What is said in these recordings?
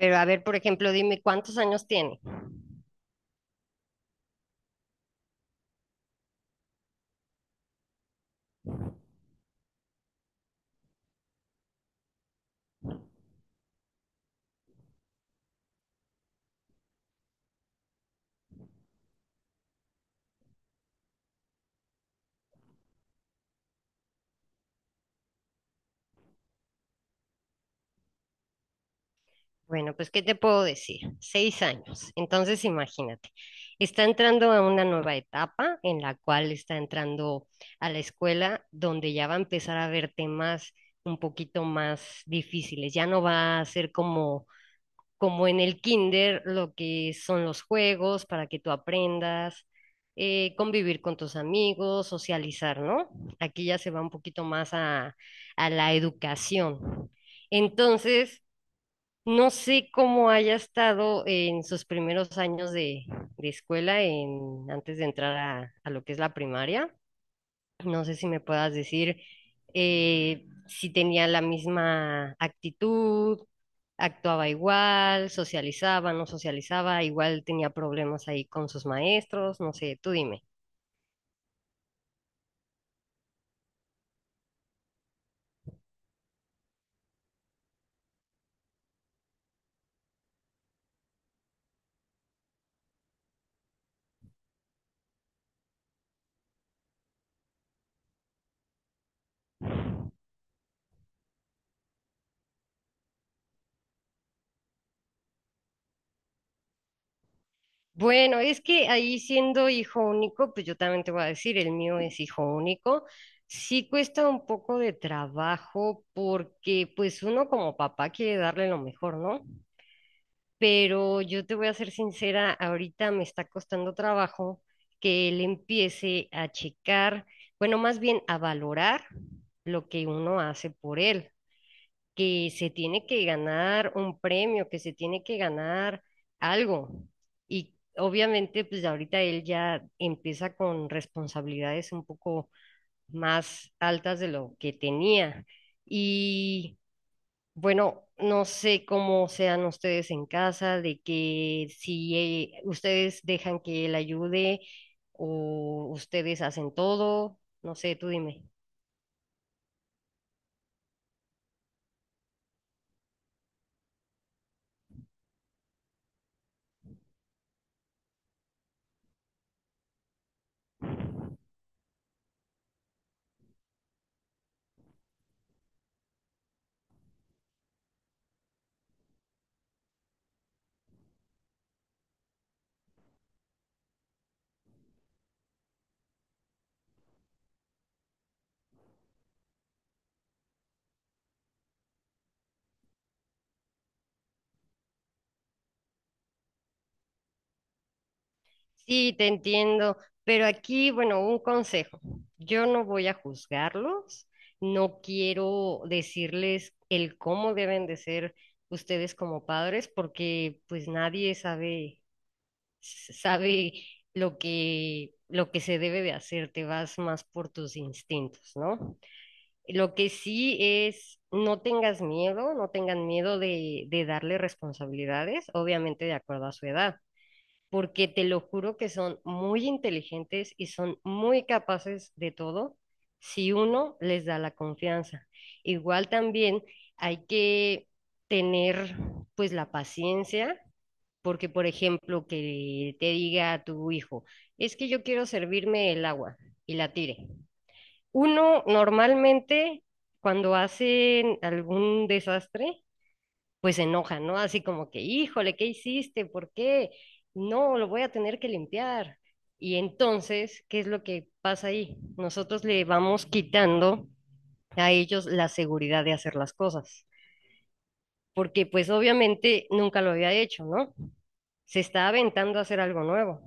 Pero a ver, por ejemplo, dime cuántos años tiene. Bueno, pues, ¿qué te puedo decir? 6 años. Entonces, imagínate, está entrando a una nueva etapa en la cual está entrando a la escuela donde ya va a empezar a ver temas un poquito más difíciles. Ya no va a ser como, en el kinder lo que son los juegos para que tú aprendas, convivir con tus amigos, socializar, ¿no? Aquí ya se va un poquito más a, la educación. Entonces... No sé cómo haya estado en sus primeros años de, escuela en, antes de entrar a lo que es la primaria. No sé si me puedas decir si tenía la misma actitud, actuaba igual, socializaba, no socializaba, igual tenía problemas ahí con sus maestros, no sé, tú dime. Bueno, es que ahí siendo hijo único, pues yo también te voy a decir, el mío es hijo único. Sí cuesta un poco de trabajo porque pues uno como papá quiere darle lo mejor, ¿no? Pero yo te voy a ser sincera, ahorita me está costando trabajo que él empiece a checar, bueno, más bien a valorar lo que uno hace por él que se tiene que ganar un premio, que se tiene que ganar algo. Y obviamente, pues ahorita él ya empieza con responsabilidades un poco más altas de lo que tenía. Y bueno, no sé cómo sean ustedes en casa, de que si ustedes dejan que él ayude o ustedes hacen todo, no sé, tú dime. Sí, te entiendo, pero aquí, bueno, un consejo. Yo no voy a juzgarlos, no quiero decirles el cómo deben de ser ustedes como padres, porque pues nadie sabe, sabe lo que, se debe de hacer, te vas más por tus instintos, ¿no? Lo que sí es, no tengas miedo, no tengan miedo de darle responsabilidades, obviamente de acuerdo a su edad porque te lo juro que son muy inteligentes y son muy capaces de todo si uno les da la confianza. Igual también hay que tener pues la paciencia, porque por ejemplo que te diga a tu hijo, es que yo quiero servirme el agua y la tire. Uno normalmente cuando hacen algún desastre, pues se enoja, ¿no? Así como que, híjole, ¿qué hiciste? ¿Por qué? No, lo voy a tener que limpiar. Y entonces, ¿qué es lo que pasa ahí? Nosotros le vamos quitando a ellos la seguridad de hacer las cosas, porque pues obviamente nunca lo había hecho, ¿no? Se está aventando a hacer algo nuevo.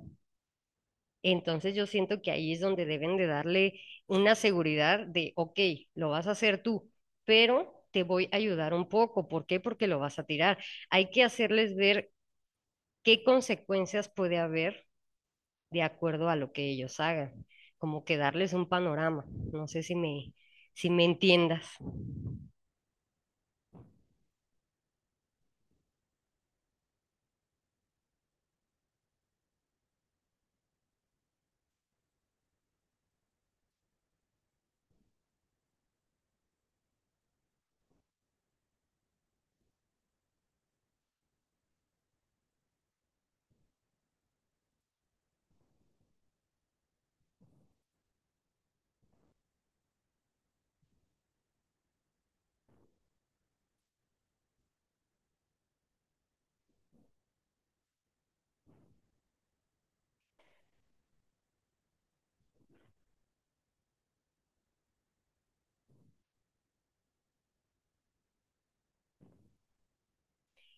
Entonces yo siento que ahí es donde deben de darle una seguridad de, ok, lo vas a hacer tú, pero te voy a ayudar un poco. ¿Por qué? Porque lo vas a tirar. Hay que hacerles ver qué consecuencias puede haber de acuerdo a lo que ellos hagan, como que darles un panorama, no sé si me entiendas.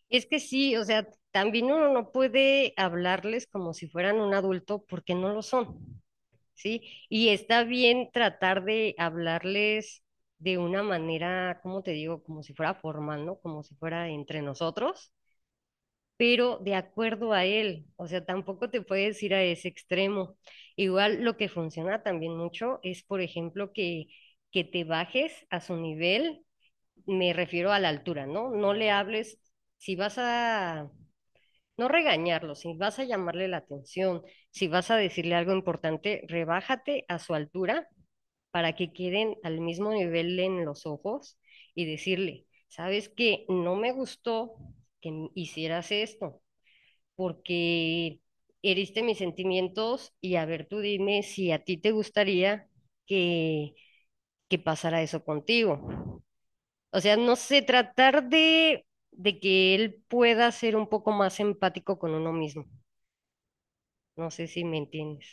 Es que sí, o sea, también uno no puede hablarles como si fueran un adulto porque no lo son, ¿sí? Y está bien tratar de hablarles de una manera, ¿cómo te digo? Como si fuera formal, ¿no? Como si fuera entre nosotros pero de acuerdo a él, o sea, tampoco te puedes ir a ese extremo. Igual lo que funciona también mucho es, por ejemplo, que, te bajes a su nivel, me refiero a la altura, ¿no? No le hables, si vas a, no regañarlo, si vas a llamarle la atención, si vas a decirle algo importante, rebájate a su altura para que queden al mismo nivel en los ojos y decirle, ¿sabes qué? No me gustó que hicieras esto porque heriste mis sentimientos y a ver, tú dime si a ti te gustaría que, que, pasara eso contigo. O sea, no sé, tratar de que él pueda ser un poco más empático con uno mismo. No sé si me entiendes.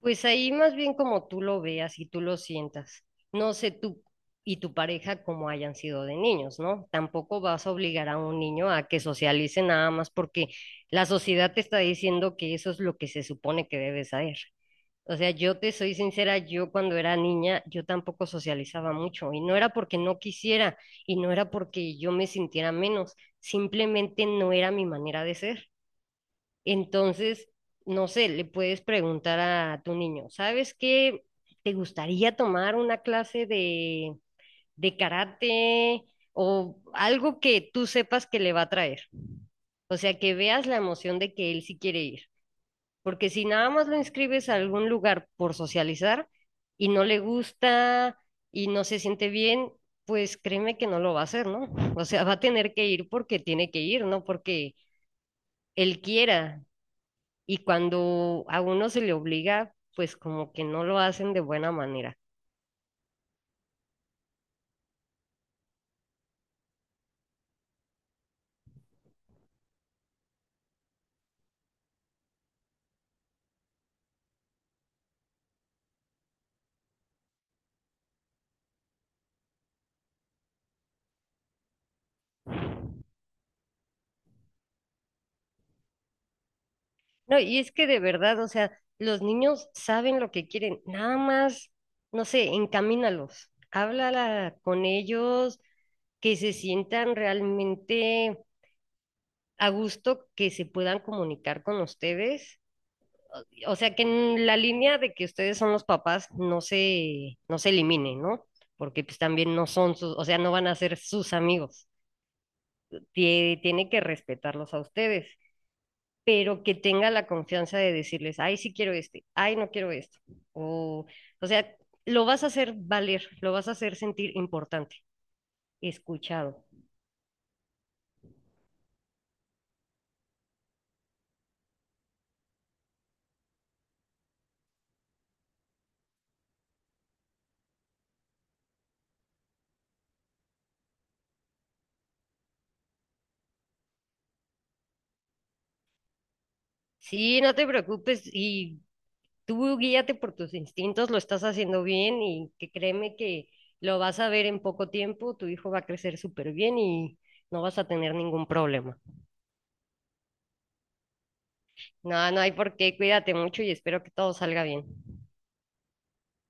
Pues ahí más bien como tú lo veas y tú lo sientas. No sé tú y tu pareja cómo hayan sido de niños, ¿no? Tampoco vas a obligar a un niño a que socialice nada más porque la sociedad te está diciendo que eso es lo que se supone que debes hacer. O sea, yo te soy sincera, yo cuando era niña, yo tampoco socializaba mucho y no era porque no quisiera y no era porque yo me sintiera menos, simplemente no era mi manera de ser. Entonces, no sé, le puedes preguntar a tu niño, ¿sabes qué? ¿Te gustaría tomar una clase de karate o algo que tú sepas que le va a traer? O sea, que veas la emoción de que él sí quiere ir. Porque si nada más lo inscribes a algún lugar por socializar y no le gusta y no se siente bien, pues créeme que no lo va a hacer, ¿no? O sea, va a tener que ir porque tiene que ir, no porque él quiera y cuando a uno se le obliga, pues como que no lo hacen de buena manera. No, y es que de verdad, o sea, los niños saben lo que quieren, nada más, no sé, encamínalos, háblala con ellos, que se sientan realmente a gusto, que se puedan comunicar con ustedes. O sea, que en la línea de que ustedes son los papás no se elimine, ¿no? Porque pues también no son sus, o sea, no van a ser sus amigos. Tiene que respetarlos a ustedes, pero que tenga la confianza de decirles, ay, sí quiero este, ay, no quiero esto. O, o sea, lo vas a hacer valer, lo vas a hacer sentir importante, escuchado. Sí, no te preocupes y tú guíate por tus instintos, lo estás haciendo bien y que créeme que lo vas a ver en poco tiempo, tu hijo va a crecer súper bien y no vas a tener ningún problema. No, no hay por qué, cuídate mucho y espero que todo salga bien.